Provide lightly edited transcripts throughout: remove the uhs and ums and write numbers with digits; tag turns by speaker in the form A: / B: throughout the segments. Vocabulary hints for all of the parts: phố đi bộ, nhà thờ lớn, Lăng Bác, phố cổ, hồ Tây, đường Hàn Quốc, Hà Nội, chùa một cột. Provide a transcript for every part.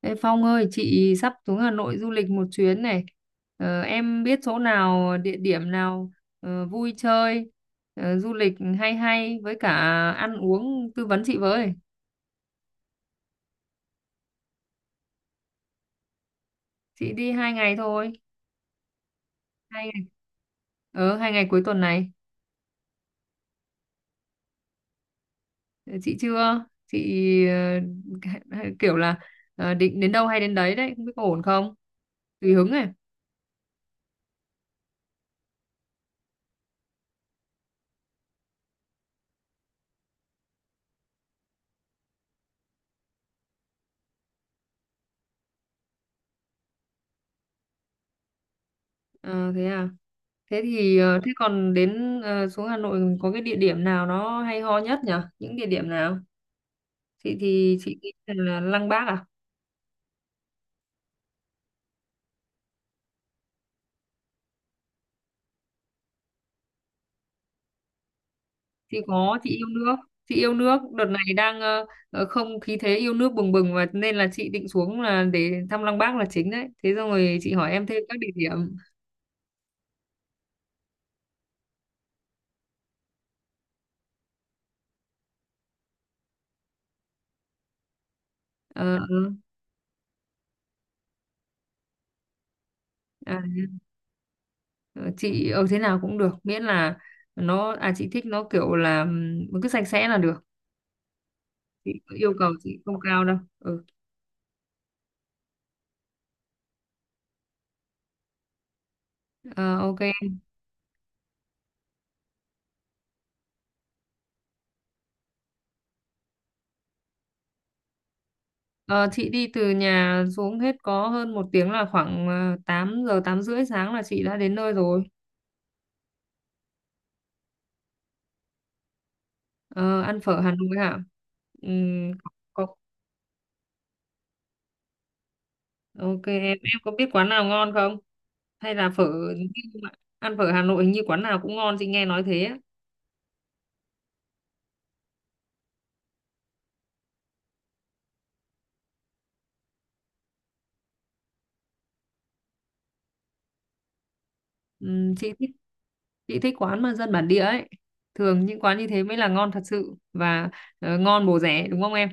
A: Ê Phong ơi, chị sắp xuống Hà Nội du lịch một chuyến này. Em biết chỗ nào, địa điểm nào vui chơi, du lịch hay hay với cả ăn uống tư vấn chị với. Chị đi hai ngày thôi, hai ngày, hai ngày cuối tuần này. Ờ, chị chưa, ờ, kiểu là định đến đâu hay đến đấy đấy, không biết có ổn không? Tùy hứng này. Ờ, thế à? Thế còn đến xuống Hà Nội có cái địa điểm nào nó hay ho nhất nhỉ? Những địa điểm nào? Chị thì chị nghĩ là Lăng Bác à? Chị có chị yêu nước. Chị yêu nước đợt này đang không khí thế yêu nước bừng bừng và nên là chị định xuống là để thăm Lăng Bác là chính đấy. Thế xong rồi chị hỏi em thêm các địa điểm. Ờ, ừ. à, ờ, chị ở thế nào cũng được miễn là nó à chị thích nó kiểu là cứ sạch sẽ là được. Chị yêu cầu chị không cao đâu. Ừ. Ờ, ok. Ờ, chị đi từ nhà xuống hết có hơn một tiếng là khoảng 8 giờ 8 rưỡi sáng là chị đã đến nơi rồi. Ờ, ăn phở Hà Nội hả? Ừm, có, ok em có biết quán nào ngon không? Hay là phở ăn phở Hà Nội hình như quán nào cũng ngon chị nghe nói thế. Á. Ừm, chị thích chị thích quán mà dân bản địa ấy. Thường những quán như thế mới là ngon thật sự và ngon bổ rẻ đúng không em?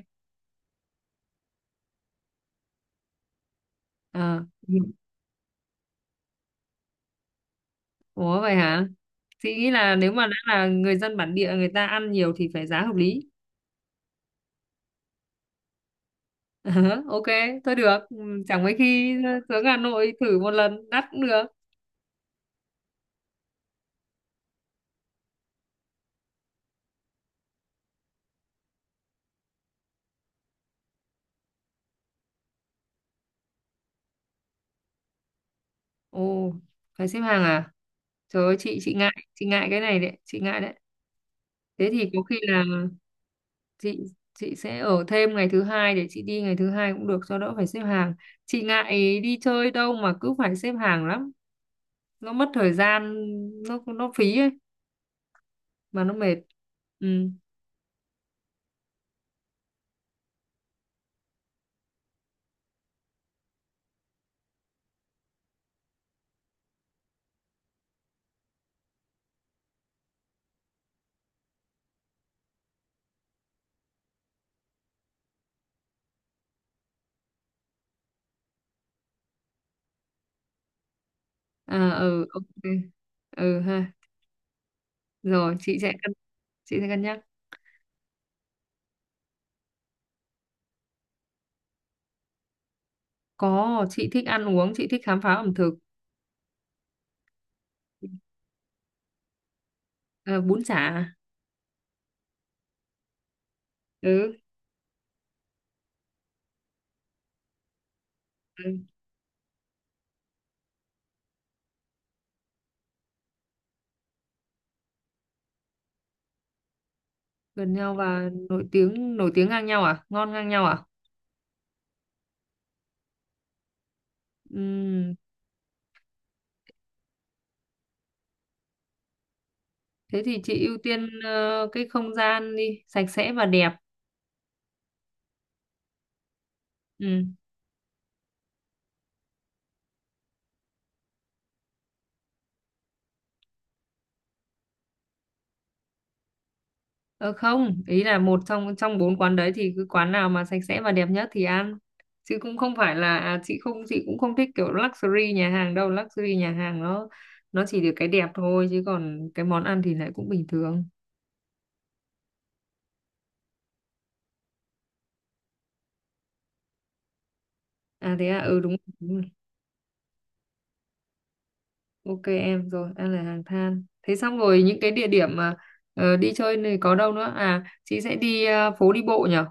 A: Ờ, ủa vậy hả? Chị nghĩ là nếu mà đã là người dân bản địa người ta ăn nhiều thì phải giá hợp lý. Ok, thôi được. Ừ, chẳng mấy khi xuống Hà Nội thử một lần đắt cũng được. Ồ, phải xếp hàng à? Trời ơi, chị ngại, chị ngại cái này đấy, chị ngại đấy. Thế thì có khi là chị chị sẽ ở thêm ngày thứ hai để chị đi ngày thứ hai cũng được cho đỡ phải xếp hàng. Chị ngại đi chơi đâu mà cứ phải xếp hàng lắm, nó mất thời gian, nó phí ấy mà nó mệt. Ừ. À ừ ok. Ừ ha. Rồi chị sẽ cân nhắc. Có, chị thích ăn uống, chị thích khám phá ẩm thực. Ờ, bún chả à? Ừ, ừ, gần nhau và nổi tiếng ngang nhau à, ngon ngang nhau à? Ừm, thế thì chị ưu tiên cái không gian đi sạch sẽ và đẹp. Ừ. Ờ không, ý là một trong trong bốn quán đấy thì cứ quán nào mà sạch sẽ và đẹp nhất thì ăn, chứ cũng không phải là à, chị cũng không thích kiểu luxury nhà hàng đâu, luxury nhà hàng nó chỉ được cái đẹp thôi chứ còn cái món ăn thì lại cũng bình thường. À thế à, ừ đúng rồi, đúng rồi. Ok em rồi, em là hàng than. Thế xong rồi những cái địa điểm mà đi chơi này có đâu nữa? À, chị sẽ đi phố đi bộ nhở?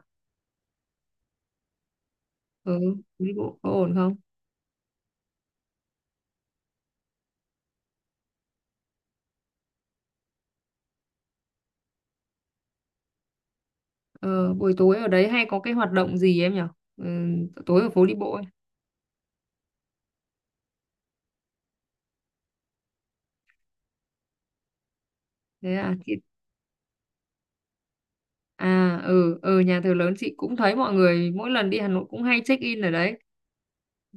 A: Ừ, phố đi bộ có ổn không? Ờ, buổi tối ở đấy hay có cái hoạt động gì em nhở? Ừ, tối ở phố đi bộ ấy. Thế à, chị... À, ừ, ừ, nhà thờ lớn chị cũng thấy mọi người mỗi lần đi Hà Nội cũng hay check in ở đấy.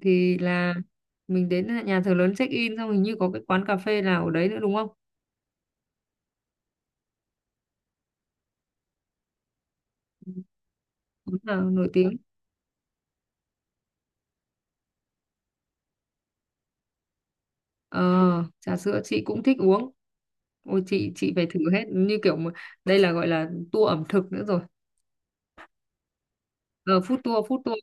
A: Thì là mình đến nhà thờ lớn check in xong hình như có cái quán cà phê nào ở đấy nữa đúng không? Đúng là nổi tiếng. Ờ, trà sữa chị cũng thích uống. Ôi chị phải thử hết như kiểu mà, đây là gọi là tour ẩm thực nữa rồi. Ờ, food tour, food tour.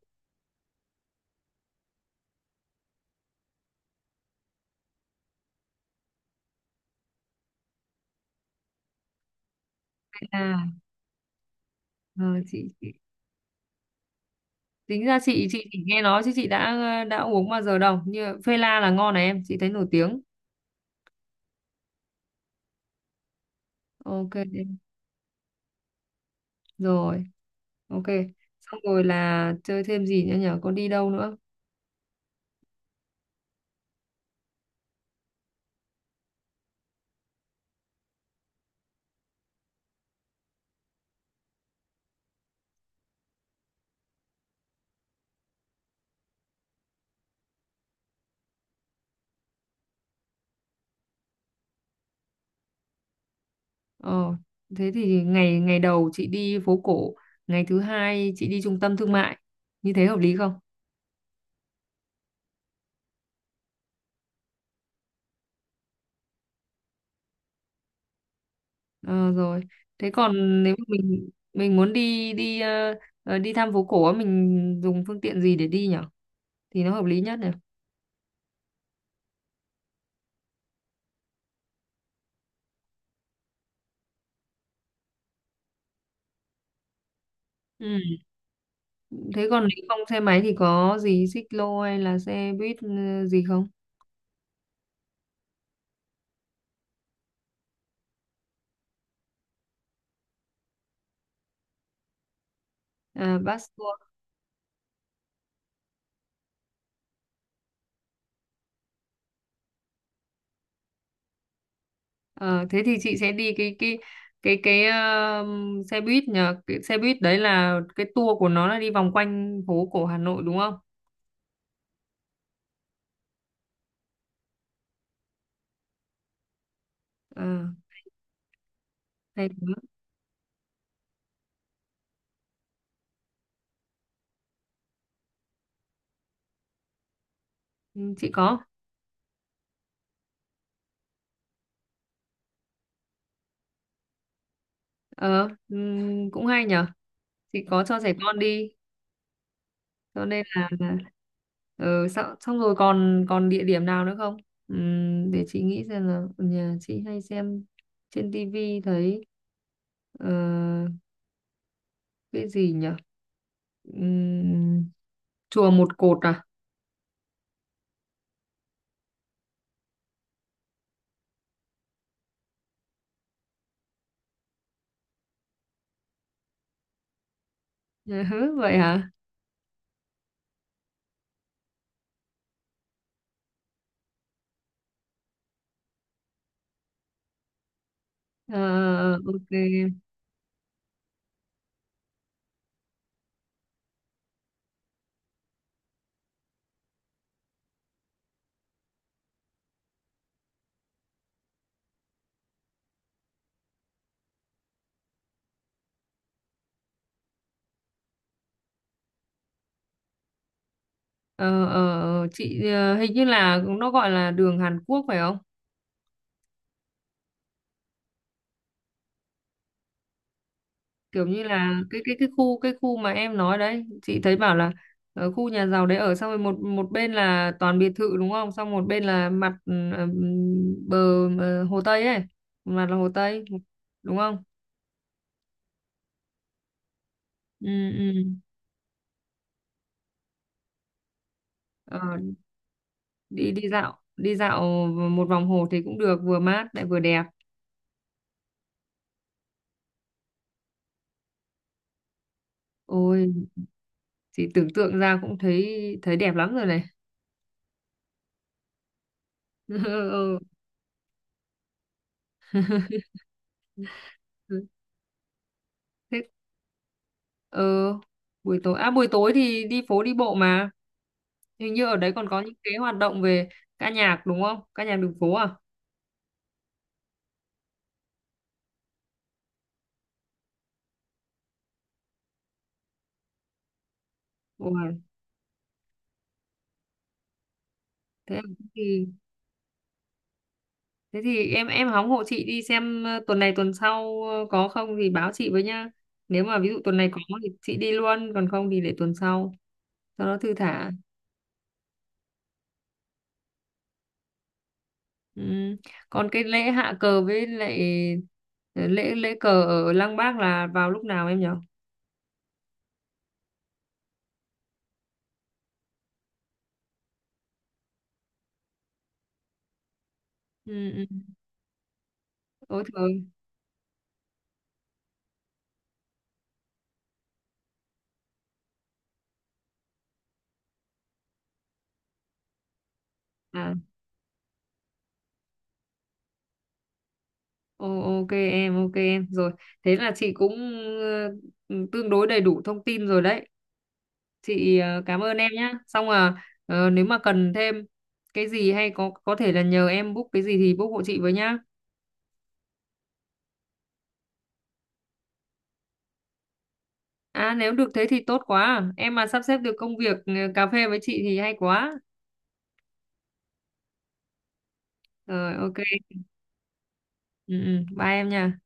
A: À ờ, chị, chị tính ra chị chỉ nghe nói chứ chị đã uống bao giờ đâu. Như phê la là ngon này em, chị thấy nổi tiếng. Ok em. Rồi, ok. Xong rồi là chơi thêm gì nữa nhở? Có đi đâu nữa? Ờ, thế thì ngày ngày đầu chị đi phố cổ, ngày thứ hai chị đi trung tâm thương mại. Như thế hợp lý không? Ờ, rồi. Thế còn nếu mà mình muốn đi đi ờ, ờ, đi thăm phố cổ á, mình dùng phương tiện gì để đi nhở? Thì nó hợp lý nhất nhỉ? Ừ. Thế còn nếu không xe máy thì có gì xích lô hay là xe buýt gì không? À, bus tour. Ờ, thế thì chị sẽ đi cái cái ờ, xe buýt nhờ, cái xe buýt đấy là cái tour của nó là đi vòng quanh phố cổ Hà Nội đúng không? Ờ, hay quá. Ừ, chị có. Ờ, ừ, cũng hay nhở. Chị có cho trẻ con đi cho nên là- ừ, xong, xong rồi còn còn địa điểm nào nữa không? Để chị nghĩ xem là nhà chị hay xem trên tivi thấy ờ, cái gì nhỉ. Ừm, chùa một cột à. Ừ, vậy hả. Ờ, ờ, ok. Hình như là nó gọi là đường Hàn Quốc phải không? Kiểu như là cái khu cái khu mà em nói đấy chị thấy bảo là ở khu nhà giàu đấy ở, xong rồi một một bên là toàn biệt thự đúng không, xong một bên là mặt bờ hồ Tây ấy, một mặt là hồ Tây đúng không. Ừ, ừ. Ờ, đi đi dạo một vòng hồ thì cũng được, vừa mát lại vừa đẹp. Ôi chị tưởng tượng ra cũng thấy thấy đẹp lắm rồi này. Ừ, ừ. Thế ờ, buổi tối à, buổi tối thì đi phố đi bộ mà. Hình như ở đấy còn có những cái hoạt động về ca nhạc đúng không? Ca nhạc đường phố à? Ủa, thế à, thế thì em hóng hộ chị đi xem tuần này tuần sau có không thì báo chị với nhá. Nếu mà ví dụ tuần này có thì chị đi luôn, còn không thì để tuần sau cho nó thư thả. Ừ. Còn cái lễ hạ cờ với lại ờ, lễ lễ cờ ở Lăng Bác là vào lúc nào em nhỉ? Ừ, ừ. Ôi trời. À, ô- ok em, ok em. Rồi, thế là chị cũng ờ, tương đối đầy đủ thông tin rồi đấy. Chị cảm ơn em nhé. Xong à nếu mà cần thêm cái gì hay có thể là nhờ em book cái gì thì book hộ chị với nhá. À nếu được thế thì tốt quá, em mà sắp xếp được công việc cà phê với chị thì hay quá. Rồi ok. Ừ, ừ. Bye em nha.